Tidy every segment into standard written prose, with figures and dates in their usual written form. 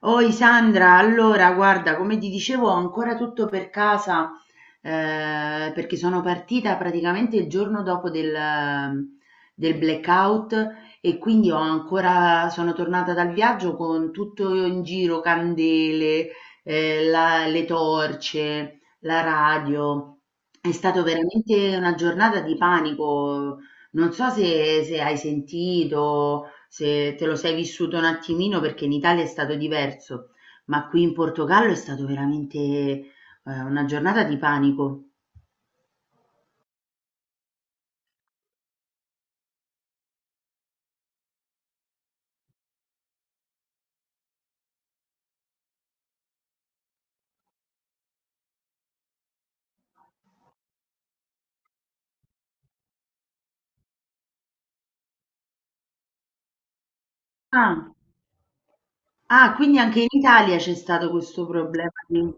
Oi Sandra, allora guarda, come ti dicevo, ho ancora tutto per casa perché sono partita praticamente il giorno dopo del blackout e quindi ho ancora, sono tornata dal viaggio con tutto in giro, candele, le torce, la radio. È stata veramente una giornata di panico. Non so se hai sentito se te lo sei vissuto un attimino perché in Italia è stato diverso, ma qui in Portogallo è stato veramente, una giornata di panico. Ah, ah, quindi anche in Italia c'è stato questo problema di-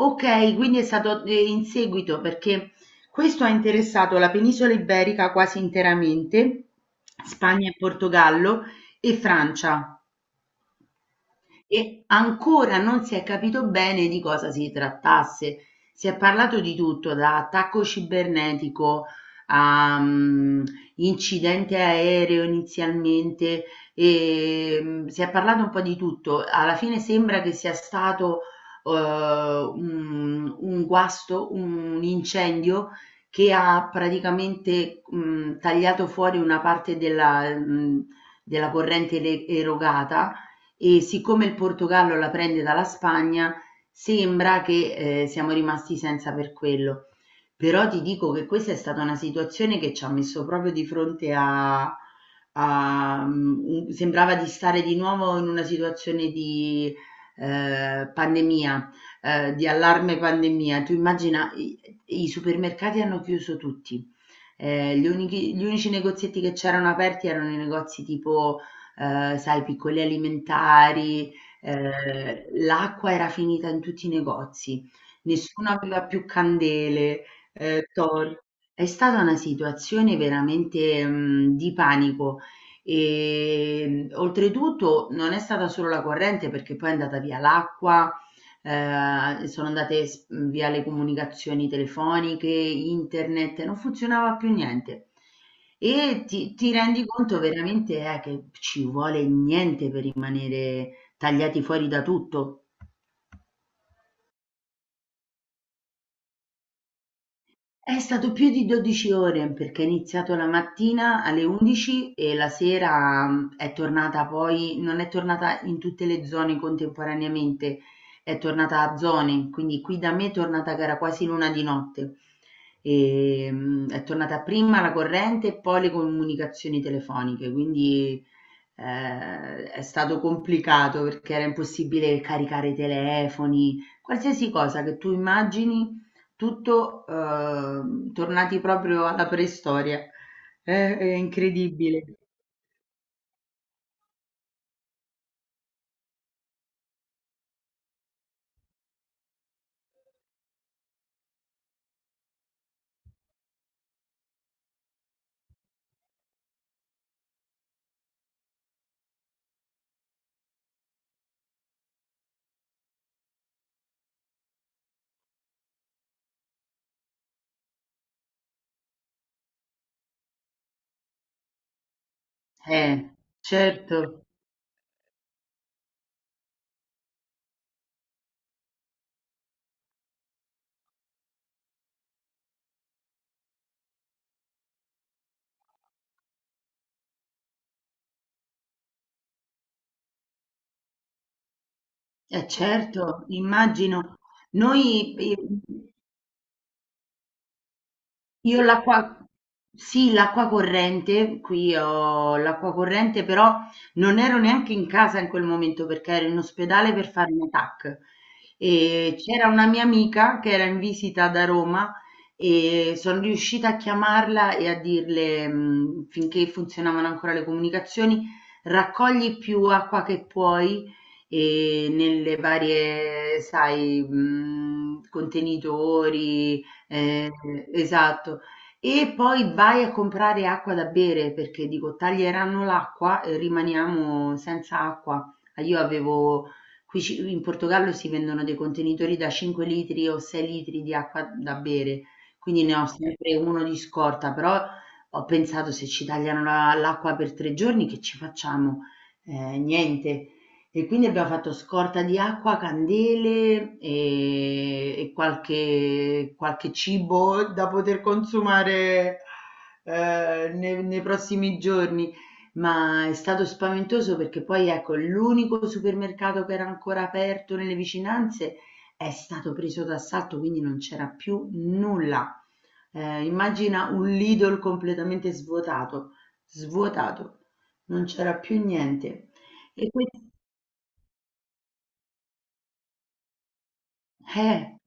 Ok, quindi è stato in seguito perché questo ha interessato la penisola iberica quasi interamente, Spagna e Portogallo e Francia. E ancora non si è capito bene di cosa si trattasse. Si è parlato di tutto, da attacco cibernetico a incidente aereo inizialmente, e si è parlato un po' di tutto. Alla fine sembra che sia stato un guasto, un incendio che ha praticamente tagliato fuori una parte della corrente erogata, e siccome il Portogallo la prende dalla Spagna sembra che siamo rimasti senza per quello. Però ti dico che questa è stata una situazione che ci ha messo proprio di fronte a sembrava di stare di nuovo in una situazione di pandemia, di allarme pandemia. Tu immagina, i supermercati hanno chiuso tutti. Gli unici negozietti che c'erano aperti erano i negozi tipo, sai, piccoli alimentari. L'acqua era finita in tutti i negozi, nessuno aveva più candele. Thor. È stata una situazione veramente, di panico. Oltretutto non è stata solo la corrente perché poi è andata via l'acqua, sono andate via le comunicazioni telefoniche, internet, non funzionava più niente. E ti rendi conto veramente, che ci vuole niente per rimanere tagliati fuori da tutto. È stato più di 12 ore perché è iniziato la mattina alle 11 e la sera è tornata poi, non è tornata in tutte le zone contemporaneamente, è tornata a zone, quindi qui da me è tornata che era quasi l'una di notte. È tornata prima la corrente e poi le comunicazioni telefoniche, quindi è stato complicato perché era impossibile caricare i telefoni, qualsiasi cosa che tu immagini, tutto tornati proprio alla preistoria. È incredibile. Eh, certo, certo, immagino. Noi, io l'acqua, sì, l'acqua corrente, qui ho l'acqua corrente, però non ero neanche in casa in quel momento perché ero in ospedale per fare un TAC. E c'era una mia amica che era in visita da Roma e sono riuscita a chiamarla e a dirle, finché funzionavano ancora le comunicazioni, raccogli più acqua che puoi e nelle varie, sai, contenitori. Ehm, esatto. E poi vai a comprare acqua da bere perché dico taglieranno l'acqua e rimaniamo senza acqua. Ah, io avevo, in Portogallo si vendono dei contenitori da 5 litri o 6 litri di acqua da bere, quindi ne ho sempre uno di scorta, però ho pensato: se ci tagliano l'acqua per 3 giorni che ci facciamo? Niente. E quindi abbiamo fatto scorta di acqua, candele e qualche cibo da poter consumare nei prossimi giorni. Ma è stato spaventoso perché poi, ecco, l'unico supermercato che era ancora aperto nelle vicinanze è stato preso d'assalto, quindi non c'era più nulla. Immagina un Lidl completamente svuotato, svuotato, non c'era più niente. E questo, eh,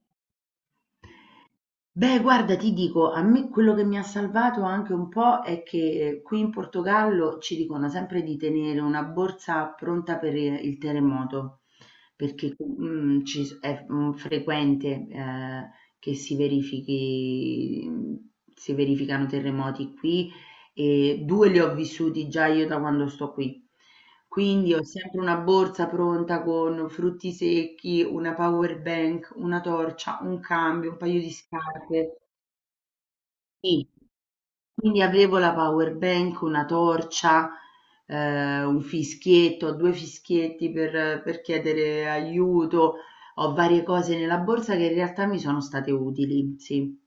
beh, guarda, ti dico, a me quello che mi ha salvato anche un po' è che qui in Portogallo ci dicono sempre di tenere una borsa pronta per il terremoto, perché è frequente che si verificano terremoti qui, e 2 li ho vissuti già io da quando sto qui. Quindi ho sempre una borsa pronta con frutti secchi, una power bank, una torcia, un cambio, un paio di scarpe. Sì, quindi avevo la power bank, una torcia, un fischietto, 2 fischietti per chiedere aiuto. Ho varie cose nella borsa che in realtà mi sono state utili, sì.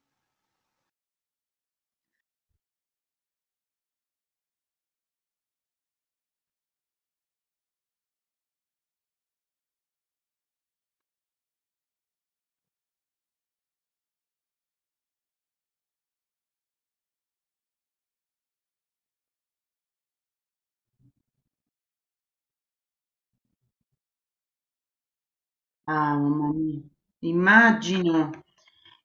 Ah, mamma mia. Immagino,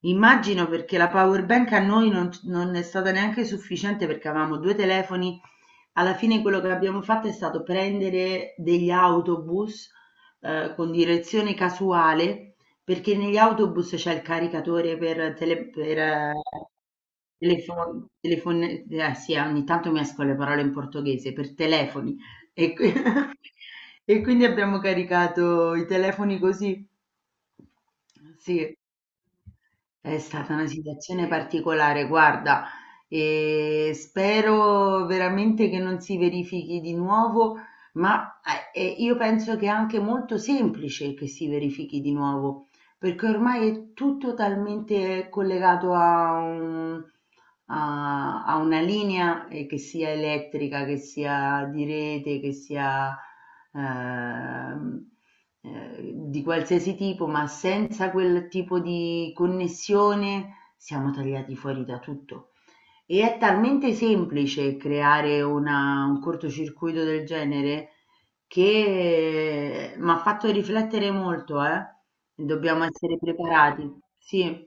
immagino perché la power bank a noi non è stata neanche sufficiente perché avevamo 2 telefoni. Alla fine quello che abbiamo fatto è stato prendere degli autobus con direzione casuale perché negli autobus c'è il caricatore per, tele, per telefon, telefon- sì, ogni tanto mescolo le parole in portoghese, per telefoni. E qui e quindi abbiamo caricato i telefoni così. Sì. È stata una situazione particolare, guarda, e spero veramente che non si verifichi di nuovo, ma io penso che è anche molto semplice che si verifichi di nuovo perché ormai è tutto talmente collegato a una linea, che sia elettrica, che sia di rete, che sia ehm, di qualsiasi tipo, ma senza quel tipo di connessione siamo tagliati fuori da tutto. E è talmente semplice creare una un cortocircuito del genere che m'ha fatto riflettere molto, eh. Dobbiamo essere preparati. Sì.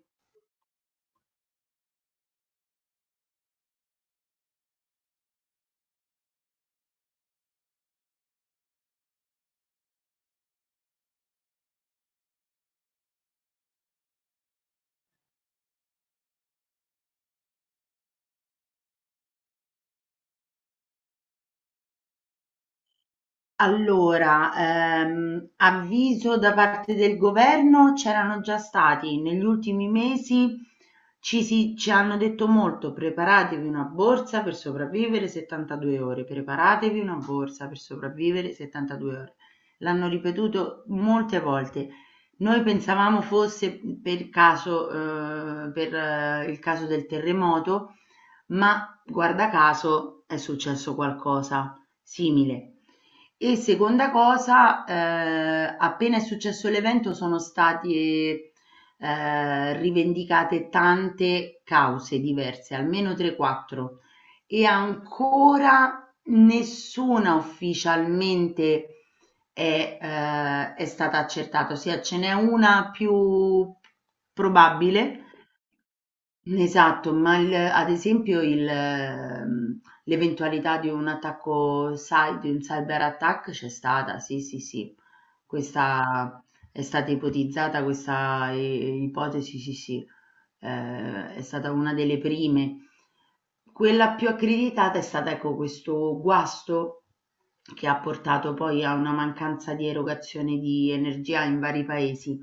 Allora, avviso da parte del governo c'erano già stati. Negli ultimi mesi ci hanno detto molto: preparatevi una borsa per sopravvivere 72 ore, preparatevi una borsa per sopravvivere 72 ore. L'hanno ripetuto molte volte. Noi pensavamo fosse per caso, per il caso del terremoto, ma guarda caso è successo qualcosa simile. E seconda cosa, appena è successo l'evento sono state rivendicate tante cause diverse, almeno 3-4, e ancora nessuna ufficialmente è stata accertata, ossia ce n'è una più probabile. Esatto, ma il ad esempio l'eventualità di un cyber attack c'è stata, sì, sì, sì. Questa è stata ipotizzata questa i ipotesi, sì, sì, è stata una delle prime. Quella più accreditata è stata, ecco, questo guasto che ha portato poi a una mancanza di erogazione di energia in vari paesi.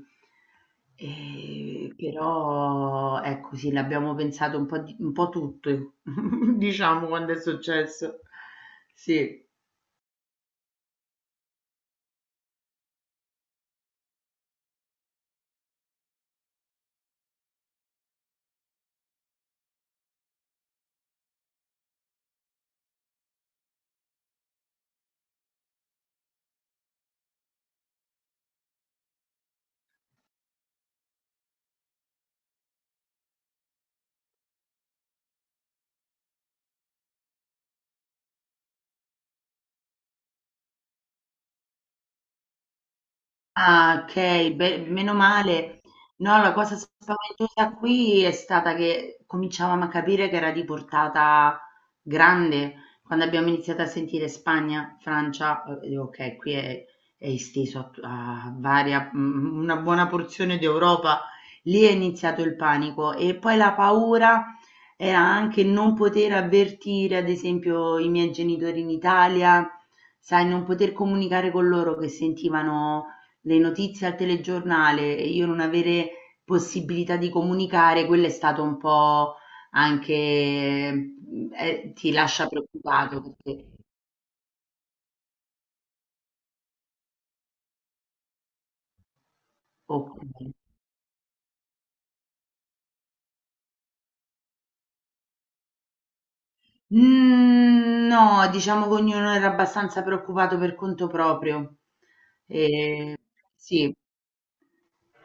Però ecco, sì, l'abbiamo pensato un po' tutte, diciamo, quando è successo. Sì. Ah, okay, beh, meno male. No, la cosa spaventosa qui è stata che cominciavamo a capire che era di portata grande quando abbiamo iniziato a sentire Spagna, Francia, dico: "Okay, qui è esteso a una buona porzione d'Europa". Lì è iniziato il panico e poi la paura era anche non poter avvertire, ad esempio, i miei genitori in Italia, sai, non poter comunicare con loro che sentivano le notizie al telegiornale e io non avere possibilità di comunicare, quello è stato un po' anche ti lascia preoccupato perché okay. Mhmm, no, diciamo che ognuno era abbastanza preoccupato per conto proprio. Ehm, sì,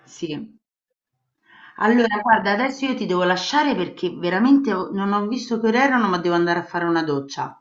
sì. Allora guarda, adesso io ti devo lasciare perché veramente ho non ho visto che ore erano, ma devo andare a fare una doccia.